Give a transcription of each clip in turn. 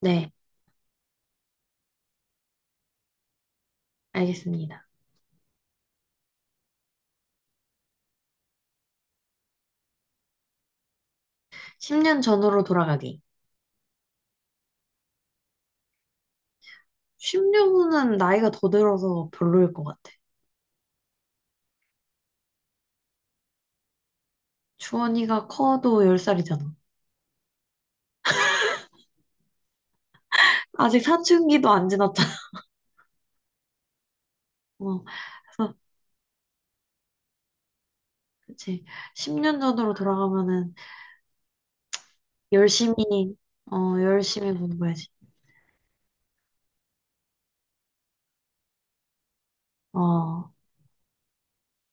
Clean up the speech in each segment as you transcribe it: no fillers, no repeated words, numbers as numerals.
네, 알겠습니다. 10년 전으로 돌아가기. 10년 후는 나이가 더 들어서 별로일 것 같아. 주원이가 커도 10살이잖아. 아직 사춘기도 안 지났잖아. 어, 그래서, 그치. 10년 전으로 돌아가면은 열심히, 열심히 공부해야지. 어,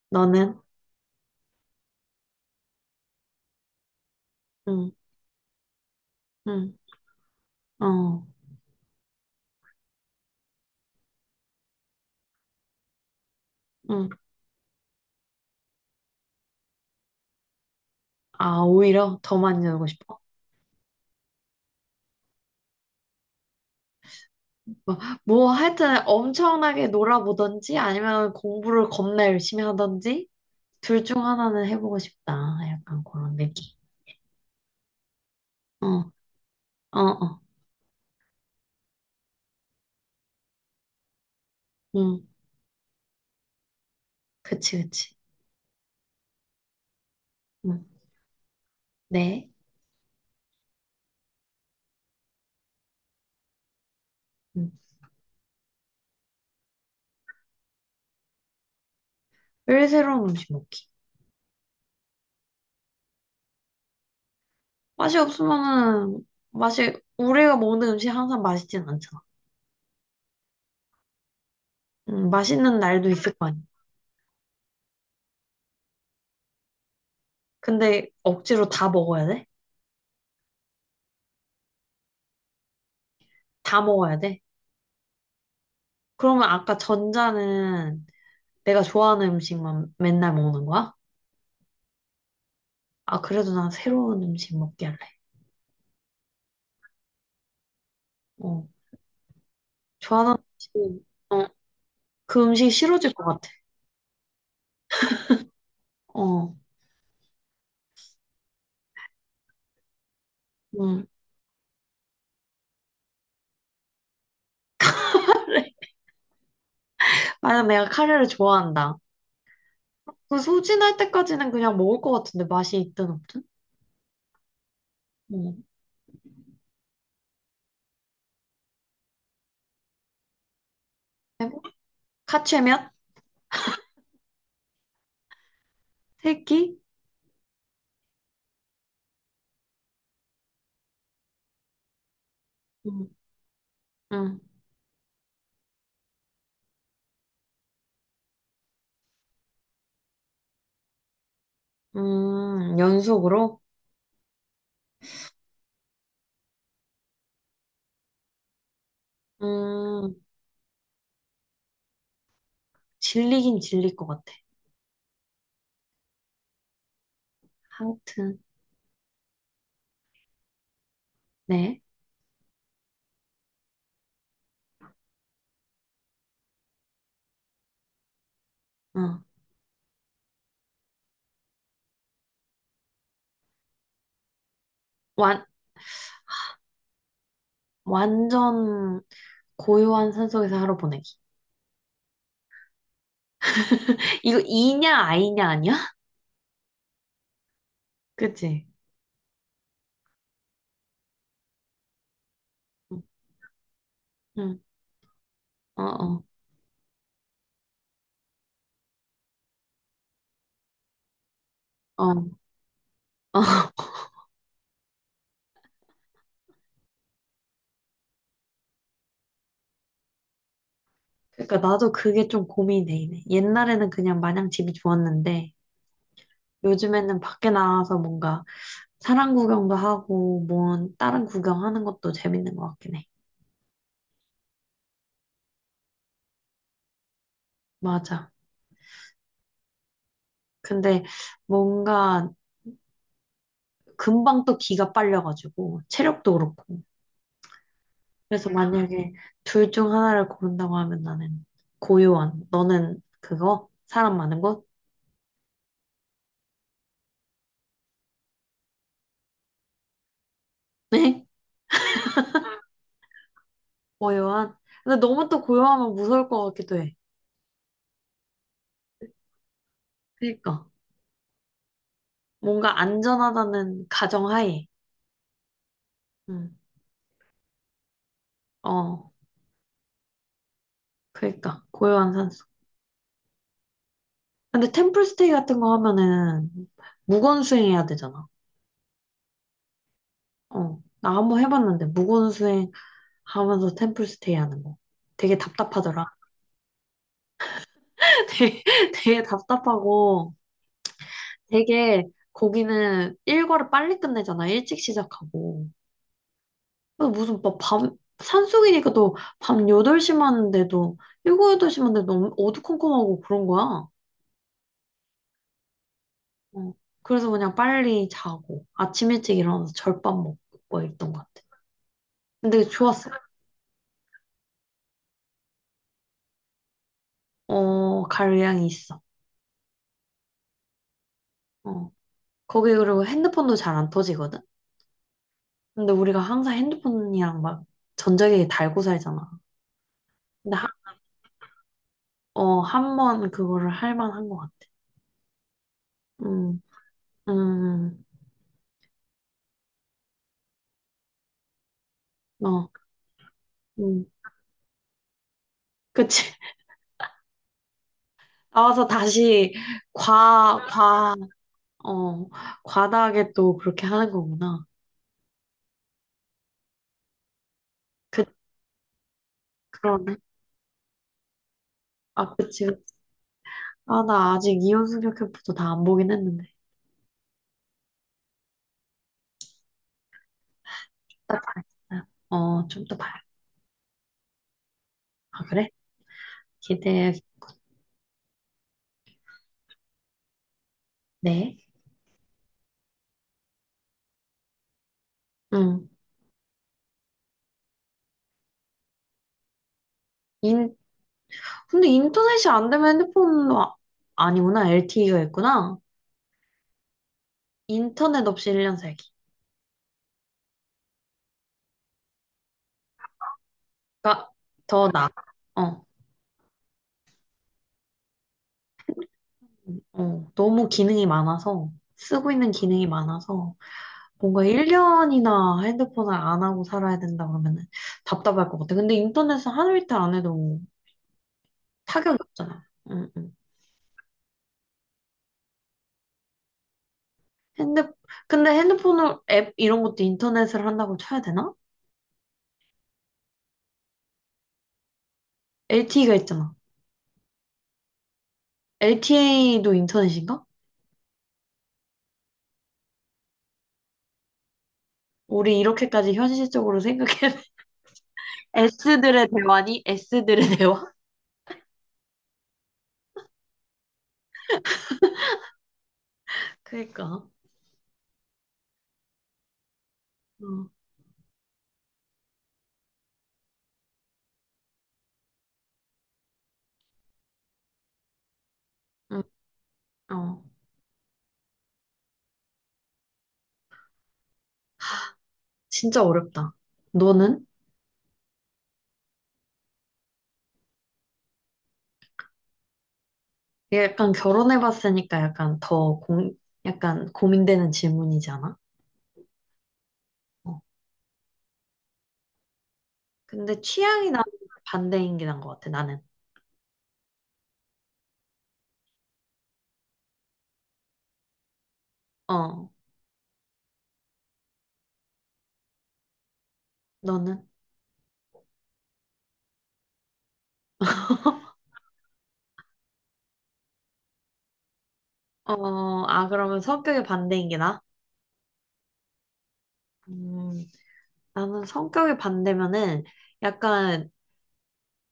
너는? 응, 응, 어, 응. 아, 오히려 더 많이 놀고 싶어. 뭐, 뭐 하여튼 엄청나게 놀아보던지 아니면 공부를 겁나 열심히 하던지 둘 중 하나는 해보고 싶다. 약간 그런 느낌. 어, 어, 어. 응, 그치, 그치. 응, 네. 응. 늘 새로운 음식 먹기. 맛이 없으면은, 맛이, 우리가 먹는 음식 항상 맛있진 않잖아. 응, 맛있는 날도 있을 거 아니야. 근데 억지로 다 먹어야 돼? 다 먹어야 돼? 그러면 아까 전자는 내가 좋아하는 음식만 맨날 먹는 거야? 아, 그래도 난 새로운 음식 먹게 할래. 어, 좋아하는 음식, 어, 그 음식 싫어질 것 같아. 어, 응. 만약 내가 카레를 좋아한다. 그 소진할 때까지는 그냥 먹을 것 같은데 맛이 있든 없든. 음. 카츠면? 세끼. 음. 음. 연속으로? 음, 질리긴 질릴 것 같아. 아무튼, 네. 응. 완, 완전 고요한 산속에서 하루 보내기. 이거 이냐, 아이냐, 아니야? 그치? 응, 응. 어, 어, 어. 어. 그러니까 나도 그게 좀 고민이 되네. 옛날에는 그냥 마냥 집이 좋았는데, 요즘에는 밖에 나가서 뭔가 사람 구경도 하고, 뭐, 다른 구경하는 것도 재밌는 것 같긴 해. 맞아. 근데 뭔가 금방 또 기가 빨려가지고, 체력도 그렇고. 그래서 만약에 둘 중 하나를 고른다고 하면 나는 고요한. 너는 그거? 사람 많은 곳? 네? 고요한? 근데 너무 또 고요하면 무서울 것 같기도 해. 그니까. 뭔가 안전하다는 가정하에. 응. 어, 그니까. 고요한 근데 템플스테이 같은 거 하면은 무건 수행해야 되잖아. 어. 나 한번 해봤는데 무건 수행 하면서 템플스테이 하는 거. 되게 답답하더라. 되게, 되게 답답하고 되게 거기는 일과를 빨리 끝내잖아. 일찍 시작하고. 그래서 무슨 막 밤, 산속이니까 또 밤 8시만 하는데도 7, 8시만 데도 너무 어두컴컴하고 그런 거야. 어. 그래서 그냥 빨리 자고 아침 일찍 일어나서 절밥 먹고 막 이랬던 것 같아. 근데 좋았어. 어, 갈 의향이 있어. 어. 거기 그리고 핸드폰도 잘 안 터지거든? 근데 우리가 항상 핸드폰이랑 막 전자기기 달고 살잖아. 근데 한 번 그거를 할 만한 것 같아. 음, 음, 어, 음. 그치. 나와서 다시 과, 과, 어, 과다하게 또 그렇게 하는 거구나. 그, 그러네. 아, 그치. 그치. 아, 나 아직 이혼 승녀 캠프도 다 안 보긴 했는데. 딱 봐야겠다. 어, 좀 더 봐야. 아, 그래? 기대해. 네. 응. 인, 근데 인터넷이 안 되면 핸드폰도 아, 아니구나. LTE가 있구나. 인터넷 없이 1년 살기가 더 나아. 어, 어, 너무 기능이 많아서, 쓰고 있는 기능이 많아서, 뭔가 1년이나 핸드폰을 안 하고 살아야 된다 그러면은 답답할 것 같아. 근데 인터넷은 하루 이틀 안 해도 타격이 없잖아. 응, 응. 핸드, 근데 핸드폰을, 앱 이런 것도 인터넷을 한다고 쳐야 되나? LTE가 있잖아. LTE도 인터넷인가? 우리 이렇게까지 현실적으로 생각해. S들의 대화니? S들의 대화? 그니까. 응, 응, 어. 진짜 어렵다. 너는? 이게 약간 결혼해봤으니까 약간 더 약간 고민되는 질문이잖아? 어. 근데 취향이 나는 반대인 게 나은 것 같아, 나는. 어. 너는? 어, 아, 그러면 성격이 반대인 게 나? 음, 나는 성격이 반대면은 약간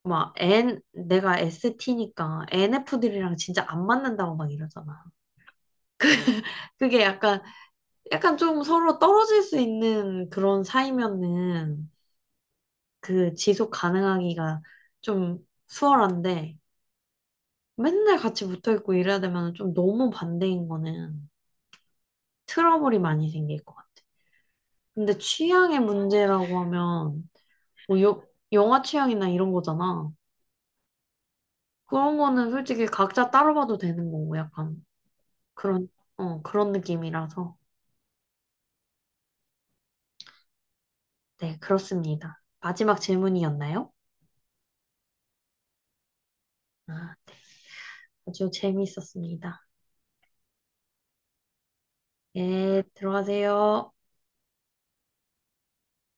막 N 내가 ST니까 NF들이랑 진짜 안 맞는다고 막 이러잖아. 그게 약간 좀 서로 떨어질 수 있는 그런 사이면은 그 지속 가능하기가 좀 수월한데 맨날 같이 붙어 있고 이래야 되면 좀 너무 반대인 거는 트러블이 많이 생길 것 같아. 근데 취향의 문제라고 하면 뭐 영화 취향이나 이런 거잖아. 그런 거는 솔직히 각자 따로 봐도 되는 거고 약간 그런 그런 느낌이라서. 네, 그렇습니다. 마지막 질문이었나요? 아, 네. 아주 재미있었습니다. 예, 들어가세요.